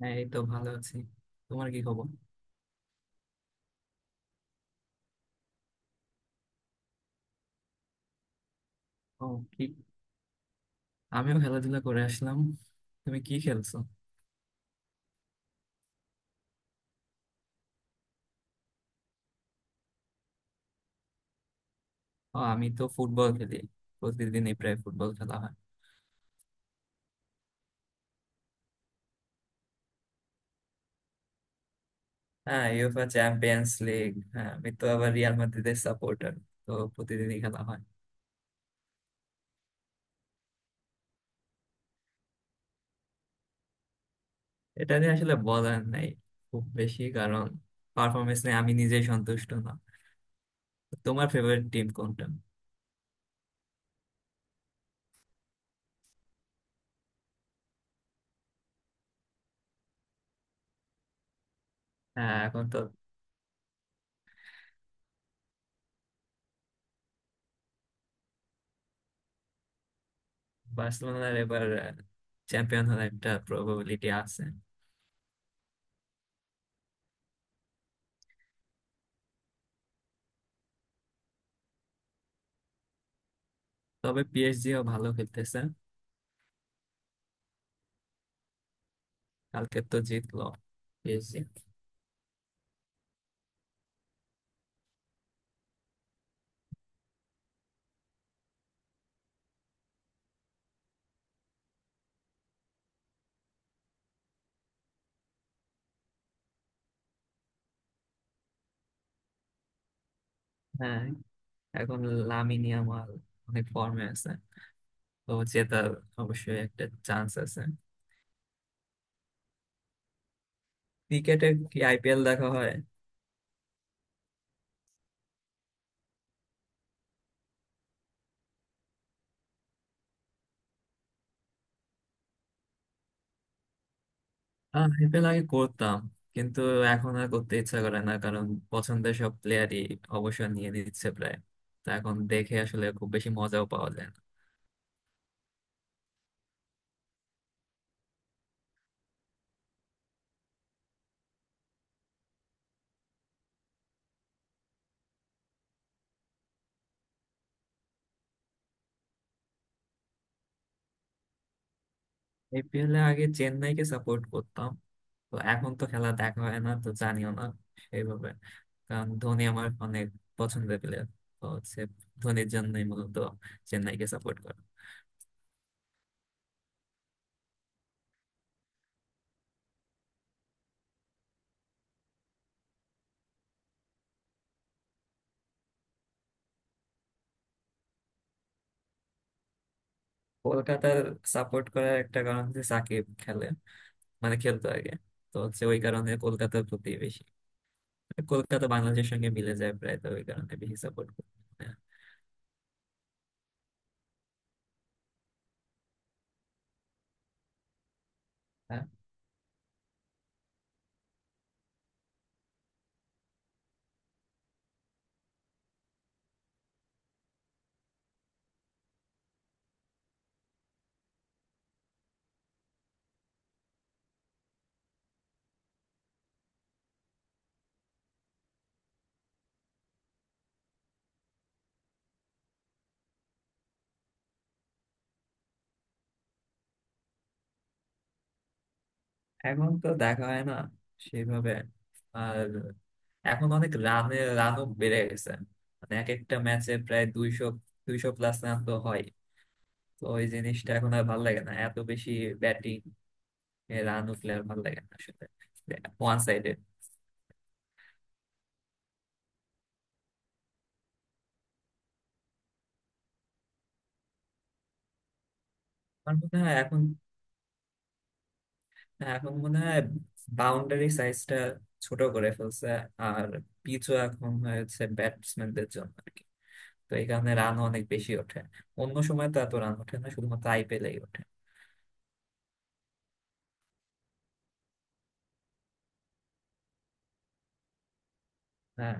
হ্যাঁ, এই তো ভালো আছি। তোমার কি খবর? ও, কি? আমিও খেলাধুলা করে আসলাম। তুমি কি খেলছো? ও, আমি তো ফুটবল খেলি। প্রতিদিনই প্রায় ফুটবল খেলা হয়। হ্যাঁ, ইউফা চ্যাম্পিয়ন্স লিগ। হ্যাঁ, আমি তো আবার রিয়াল মাদ্রিদের সাপোর্টার। তো প্রতিদিনই খেলা হয়। এটা নিয়ে আসলে বলার নাই খুব বেশি। কারণ পারফরমেন্স নিয়ে আমি নিজেই সন্তুষ্ট না। তোমার ফেভারিট টিম কোনটা? হ্যাঁ, এখন তো বার্সেলোনার এবার চ্যাম্পিয়ন হওয়ার একটা প্রবাবিলিটি আছে। তবে পিএসজিও ভালো খেলতেছে। কালকে তো জিতলো পিএসজি। হ্যাঁ, এখন লামিন ইয়ামাল অনেক ফর্মে আছে। তো জেতার অবশ্যই একটা চান্স আছে। ক্রিকেটে কি আইপিএল দেখা হয়? আইপিএল আগে করতাম, কিন্তু এখন আর করতে ইচ্ছা করে না। কারণ পছন্দের সব প্লেয়ারই অবসর নিয়ে নিচ্ছে প্রায়। তো এখন দেখে আসলে খুব বেশি মজাও পাওয়া যায় না। আইপিএল এ আগে চেন্নাইকে সাপোর্ট করতাম। তো এখন তো খেলা দেখা হয় না, তো জানিও না সেইভাবে। কারণ ধোনি আমার অনেক পছন্দের প্লেয়ার। তো হচ্ছে ধোনির জন্যই মূলত চেন্নাইকে সাপোর্ট করা। কলকাতার সাপোর্ট করার একটা কারণ হচ্ছে সাকিব খেলে, মানে খেলতো আগে। তো হচ্ছে ওই কারণে কলকাতার প্রতি বেশি। মানে কলকাতা বাংলাদেশের সঙ্গে মিলে যায় প্রায়, তো ওই কারণে বেশি সাপোর্ট করি। হ্যাঁ, এখন তো দেখা হয় না সেভাবে। আর এখন অনেক রানে রানও বেড়ে গেছে। মানে এক একটা ম্যাচে প্রায় 200, 200 প্লাস রান তো হয়। তো ওই জিনিসটা এখন আর ভালো লাগে না, এত বেশি ব্যাটিং রান উঠলে আর ভালো লাগে না আসলে। One sided. আমার মনে হয় এখন এখন মনে হয় বাউন্ডারি সাইজটা ছোট করে ফেলছে। আর পিচও এখন হয়েছে ব্যাটসম্যানদের জন্য আর কি। তো এই কারণে রানও অনেক বেশি ওঠে। অন্য সময় তো এত রান ওঠে না, শুধুমাত্র আইপিএলেই ওঠে। হ্যাঁ,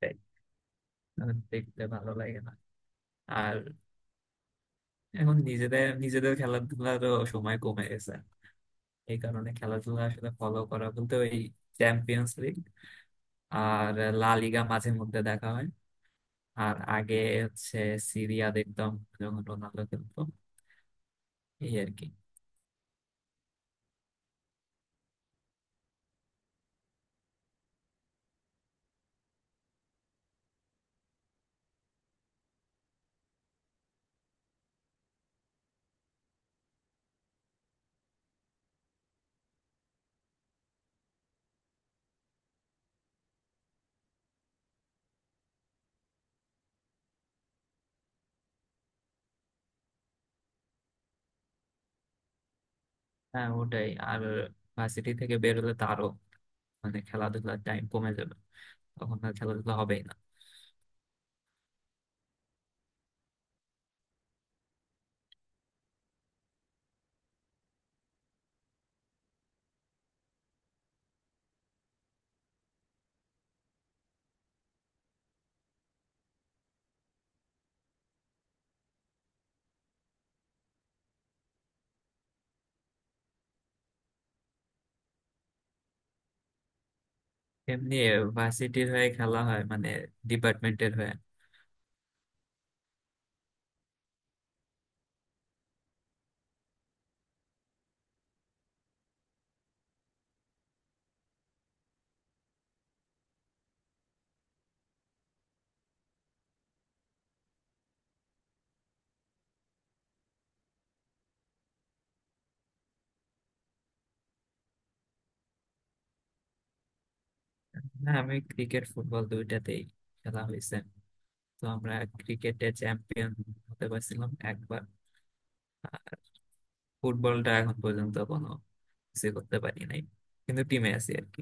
তাই আমার দেখতে ভালো লাগে না। আর এখন নিজেদের নিজেদের খেলাধুলারও সময় কমে গেছে। এই কারণে খেলাধুলা আসলে ফলো করা বলতে ওই চ্যাম্পিয়ন্স লিগ আর লা লিগা মাঝে মধ্যে দেখা হয়। আর আগে হচ্ছে সিরিয়া দেখতাম, যখন রোনালদো খেলতো, এই আর কি। হ্যাঁ, ওটাই। আর ভার্সিটি থেকে বেরোলে তো আরো, মানে খেলাধুলার টাইম কমে যাবে, তখন আর খেলাধুলা হবেই না। এমনি ভার্সিটির হয়ে খেলা হয়, মানে ডিপার্টমেন্টের হয়ে। হ্যাঁ, আমি ক্রিকেট ফুটবল দুইটাতেই খেলা হয়েছে। তো আমরা ক্রিকেটে চ্যাম্পিয়ন হতে পারছিলাম একবার। ফুটবলটা এখন পর্যন্ত কোনো কিছু করতে পারি নাই, কিন্তু টিমে আছি আর কি।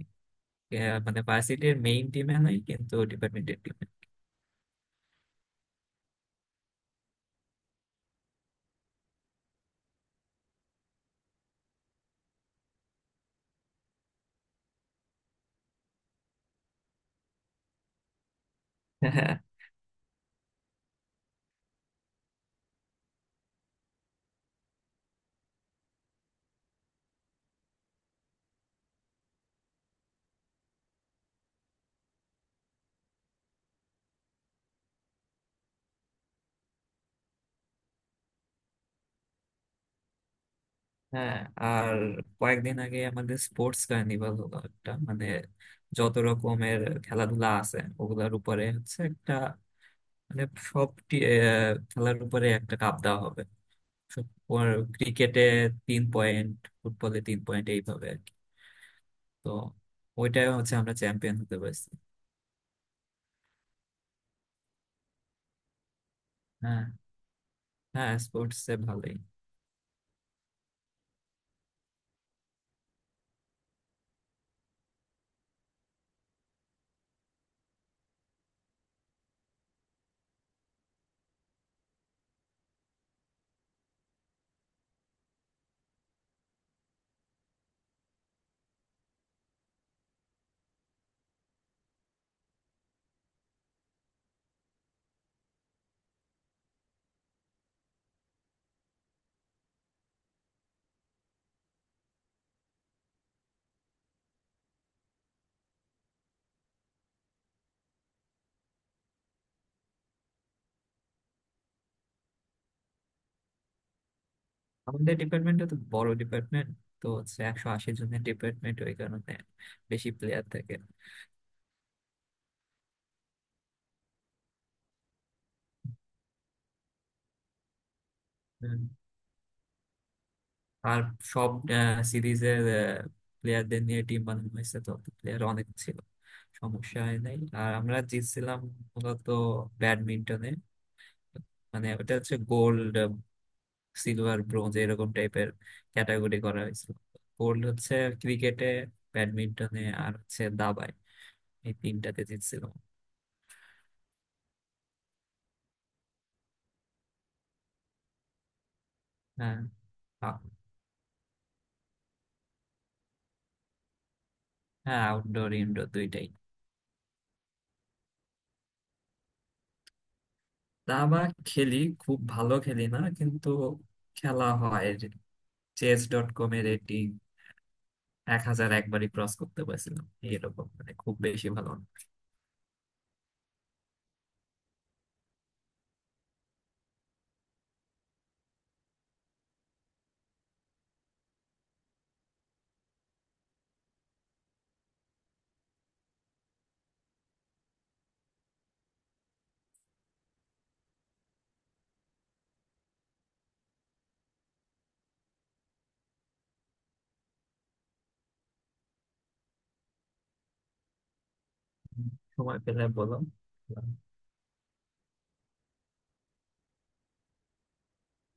মানে ভার্সিটির মেইন টিমে নাই, কিন্তু ডিপার্টমেন্টের টিমে। হ্যাঁ হ্যাঁ, আর কয়েকদিন আগে আমাদের স্পোর্টস কার্নিভাল হলো একটা। মানে যত রকমের খেলাধুলা আছে ওগুলার উপরে হচ্ছে একটা, মানে সব খেলার উপরে একটা কাপ দেওয়া হবে। ক্রিকেটে 3 পয়েন্ট, ফুটবলে 3 পয়েন্ট, এইভাবে। তো ওইটাই, হচ্ছে আমরা চ্যাম্পিয়ন হতে পারছি। হ্যাঁ, হ্যাঁ স্পোর্টস এ ভালোই। আমাদের ডিপার্টমেন্টটা তো বড় ডিপার্টমেন্ট। তো হচ্ছে 180 জনের ডিপার্টমেন্ট, ওই কারণে বেশি প্লেয়ার থাকে। হুম। আর সব সিরিজের প্লেয়ারদের নিয়ে টিম বানানো হয়েছে, তো প্লেয়ার অনেক ছিল, সমস্যা হয় নাই। আর আমরা জিতছিলাম মূলত ব্যাডমিন্টনে। মানে ওটা হচ্ছে গোল্ড, সিলভার, ব্রোঞ্জ এরকম টাইপের ক্যাটাগরি করা হয়েছিল। গোল্ড হচ্ছে ক্রিকেটে, ব্যাডমিন্টনে আর হচ্ছে দাবায়। এই তিনটাতে জিতছিল। হ্যাঁ। আ- হ্যাঁ, আউটডোর ইনডোর দুইটাই। দাবা খেলি, খুব ভালো খেলি না, কিন্তু খেলা হয়। chess.com এর রেটিং 1,000 একবারই ক্রস করতে পারছিলাম। এরকম, মানে খুব বেশি ভালো না। সময় পেলে বলো।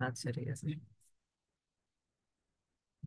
আচ্ছা, ঠিক আছে।